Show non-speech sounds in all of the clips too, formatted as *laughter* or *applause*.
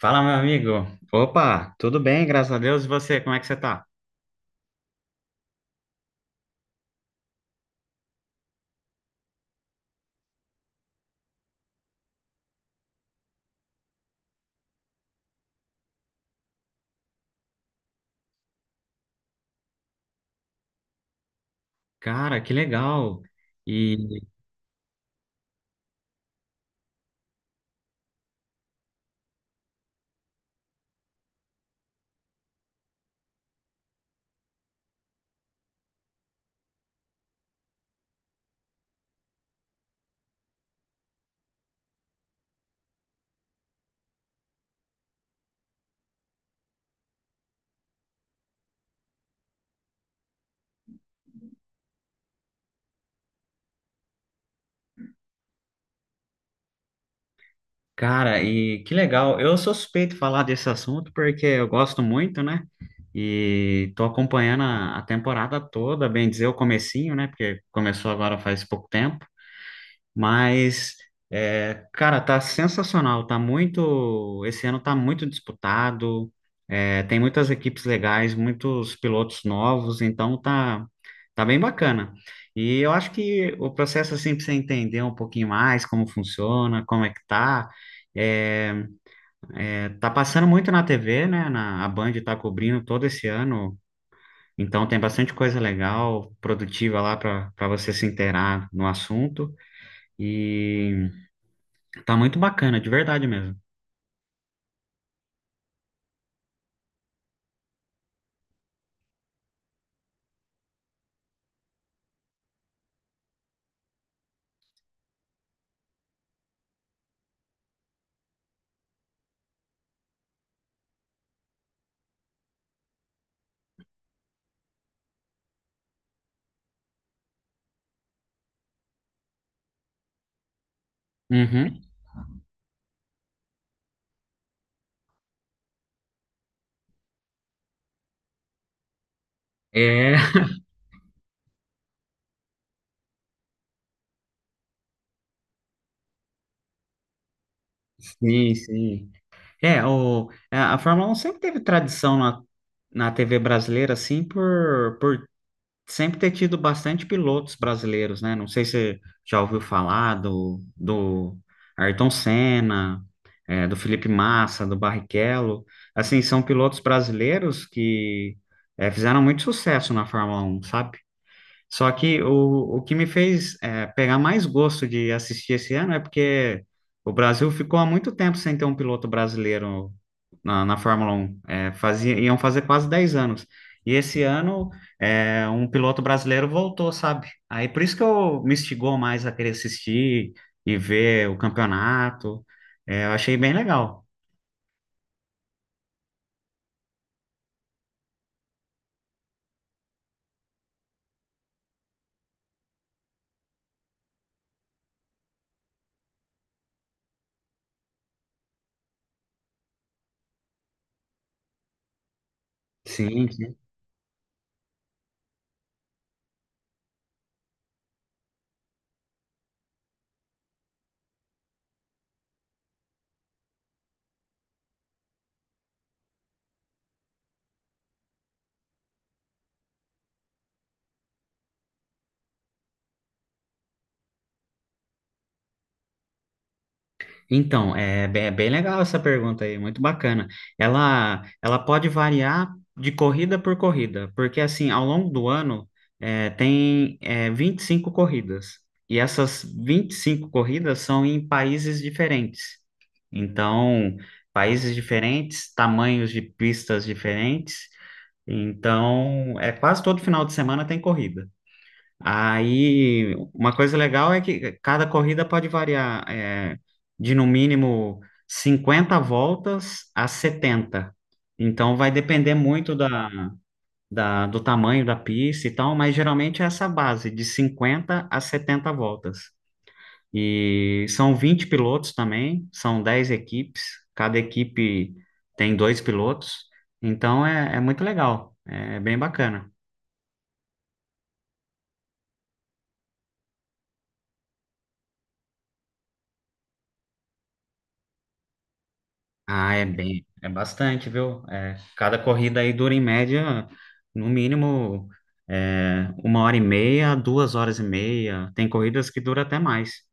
Fala, meu amigo. Opa, tudo bem, graças a Deus. E você, como é que você tá? Cara, que legal. E, cara, e que legal. Eu sou suspeito de falar desse assunto porque eu gosto muito, né? E tô acompanhando a temporada toda, bem dizer, o comecinho, né? Porque começou agora faz pouco tempo. Mas, cara, tá sensacional. Tá muito. Esse ano tá muito disputado. Tem muitas equipes legais, muitos pilotos novos, então tá bem bacana. E eu acho que o processo, assim, pra você entender um pouquinho mais como funciona, como é que tá. é, tá passando muito na TV, né? A Band tá cobrindo todo esse ano. Então tem bastante coisa legal, produtiva lá para você se inteirar no assunto. E Tá muito bacana, de verdade mesmo. Uhum. É, *laughs* sim, sim. É, o, a Fórmula um sempre teve tradição na TV brasileira, assim, por sempre ter tido bastante pilotos brasileiros, né? Não sei se você já ouviu falar do Ayrton Senna, do Felipe Massa, do Barrichello. Assim, são pilotos brasileiros que fizeram muito sucesso na Fórmula um, sabe? Só que o que me fez pegar mais gosto de assistir esse ano é porque o Brasil ficou há muito tempo sem ter um piloto brasileiro na Fórmula Um. É, iam fazer quase 10 anos. E esse ano um piloto brasileiro voltou, sabe? Aí por isso que eu me instigou mais a querer assistir e ver o campeonato. É, eu achei bem legal. Sim, sim. Então, é bem legal essa pergunta aí, muito bacana. Ela pode variar de corrida por corrida, porque assim, ao longo do ano, tem 25 corridas, e essas 25 corridas são em países diferentes. Então, países diferentes, tamanhos de pistas diferentes. Então, é quase todo final de semana tem corrida. Aí, uma coisa legal é que cada corrida pode variar de no mínimo 50 voltas a 70. Então, vai depender muito do tamanho da pista e tal, mas geralmente é essa base, de 50 a 70 voltas. E são 20 pilotos também, são 10 equipes, cada equipe tem dois pilotos, então é muito legal, é bem bacana. Ah, é bastante, viu? É, cada corrida aí dura em média, no mínimo, uma hora e meia, duas horas e meia. Tem corridas que dura até mais.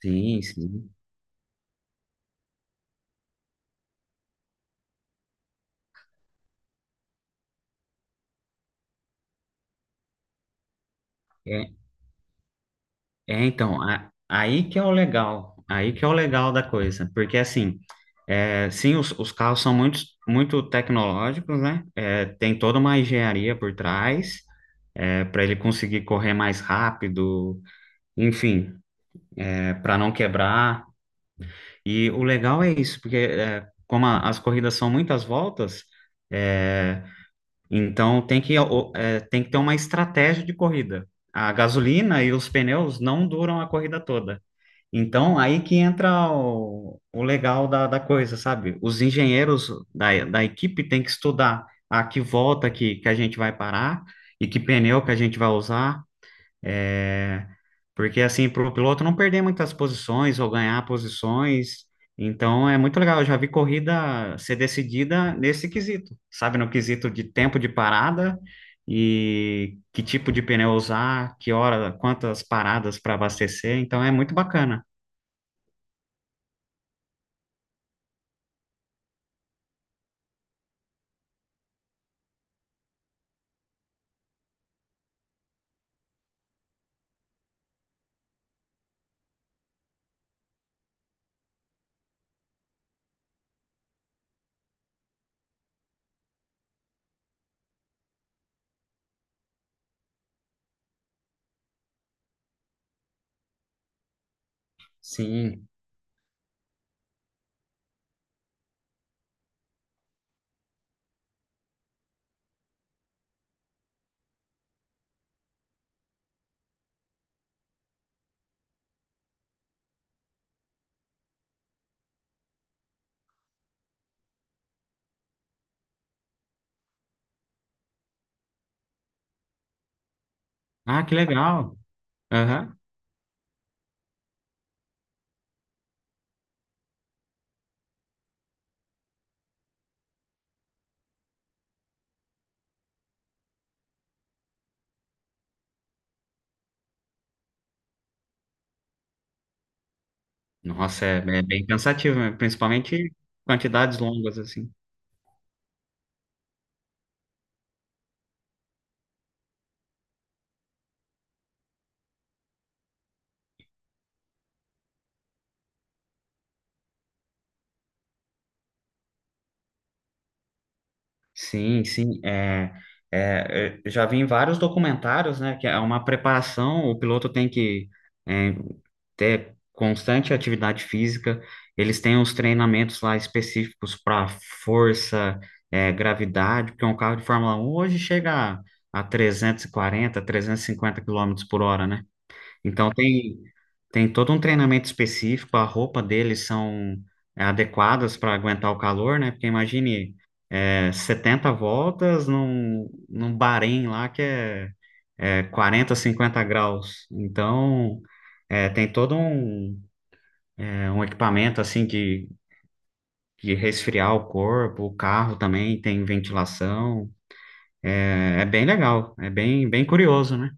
Sim, sim. É, então, aí que é o legal da coisa, porque assim, sim, os carros são muito, muito tecnológicos, né? É, tem toda uma engenharia por trás, para ele conseguir correr mais rápido, enfim, para não quebrar. E o legal é isso, porque como as corridas são muitas voltas, é, então tem que ter uma estratégia de corrida. A gasolina e os pneus não duram a corrida toda. Então, aí que entra o legal da coisa, sabe? Os engenheiros da equipe têm que estudar a que volta que a gente vai parar e que pneu que a gente vai usar. é, Porque assim, para o piloto não perder muitas posições ou ganhar posições. Então é muito legal. Eu já vi corrida ser decidida nesse quesito, sabe? No quesito de tempo de parada e que tipo de pneu usar, que hora, quantas paradas para abastecer. Então é muito bacana. Sim. Ah, que legal. Aham. Nossa, é bem cansativo, né? Principalmente quantidades longas assim. Sim, sim, eu já vi em vários documentários, né, que é uma preparação, o piloto tem que é, ter constante atividade física, eles têm uns treinamentos lá específicos para força, gravidade, porque um carro de Fórmula um hoje chega a 340, 350 quilômetros por hora, né? Então tem todo um treinamento específico, a roupa deles são adequadas para aguentar o calor, né? Porque imagine 70 voltas num Bahrein lá que é 40, 50 graus. Então tem todo um equipamento assim de resfriar o corpo, o carro também tem ventilação. É, é bem legal, é bem, bem curioso, né?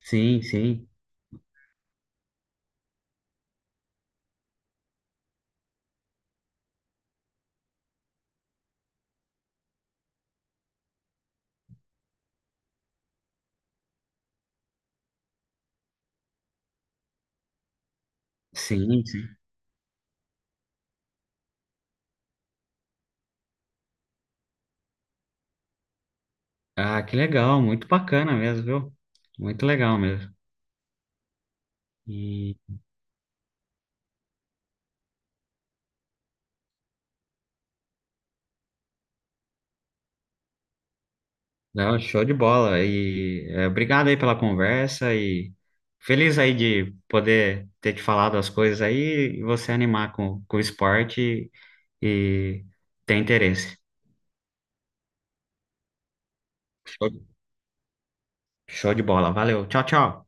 Sim, sim, sim, sim. Ah, que legal, muito bacana mesmo, viu? Muito legal mesmo. E não, show de bola. E obrigado aí pela conversa e feliz aí de poder ter te falado as coisas aí e você animar com o esporte e, e ter interesse. Show, show de bola. Valeu. Tchau, tchau.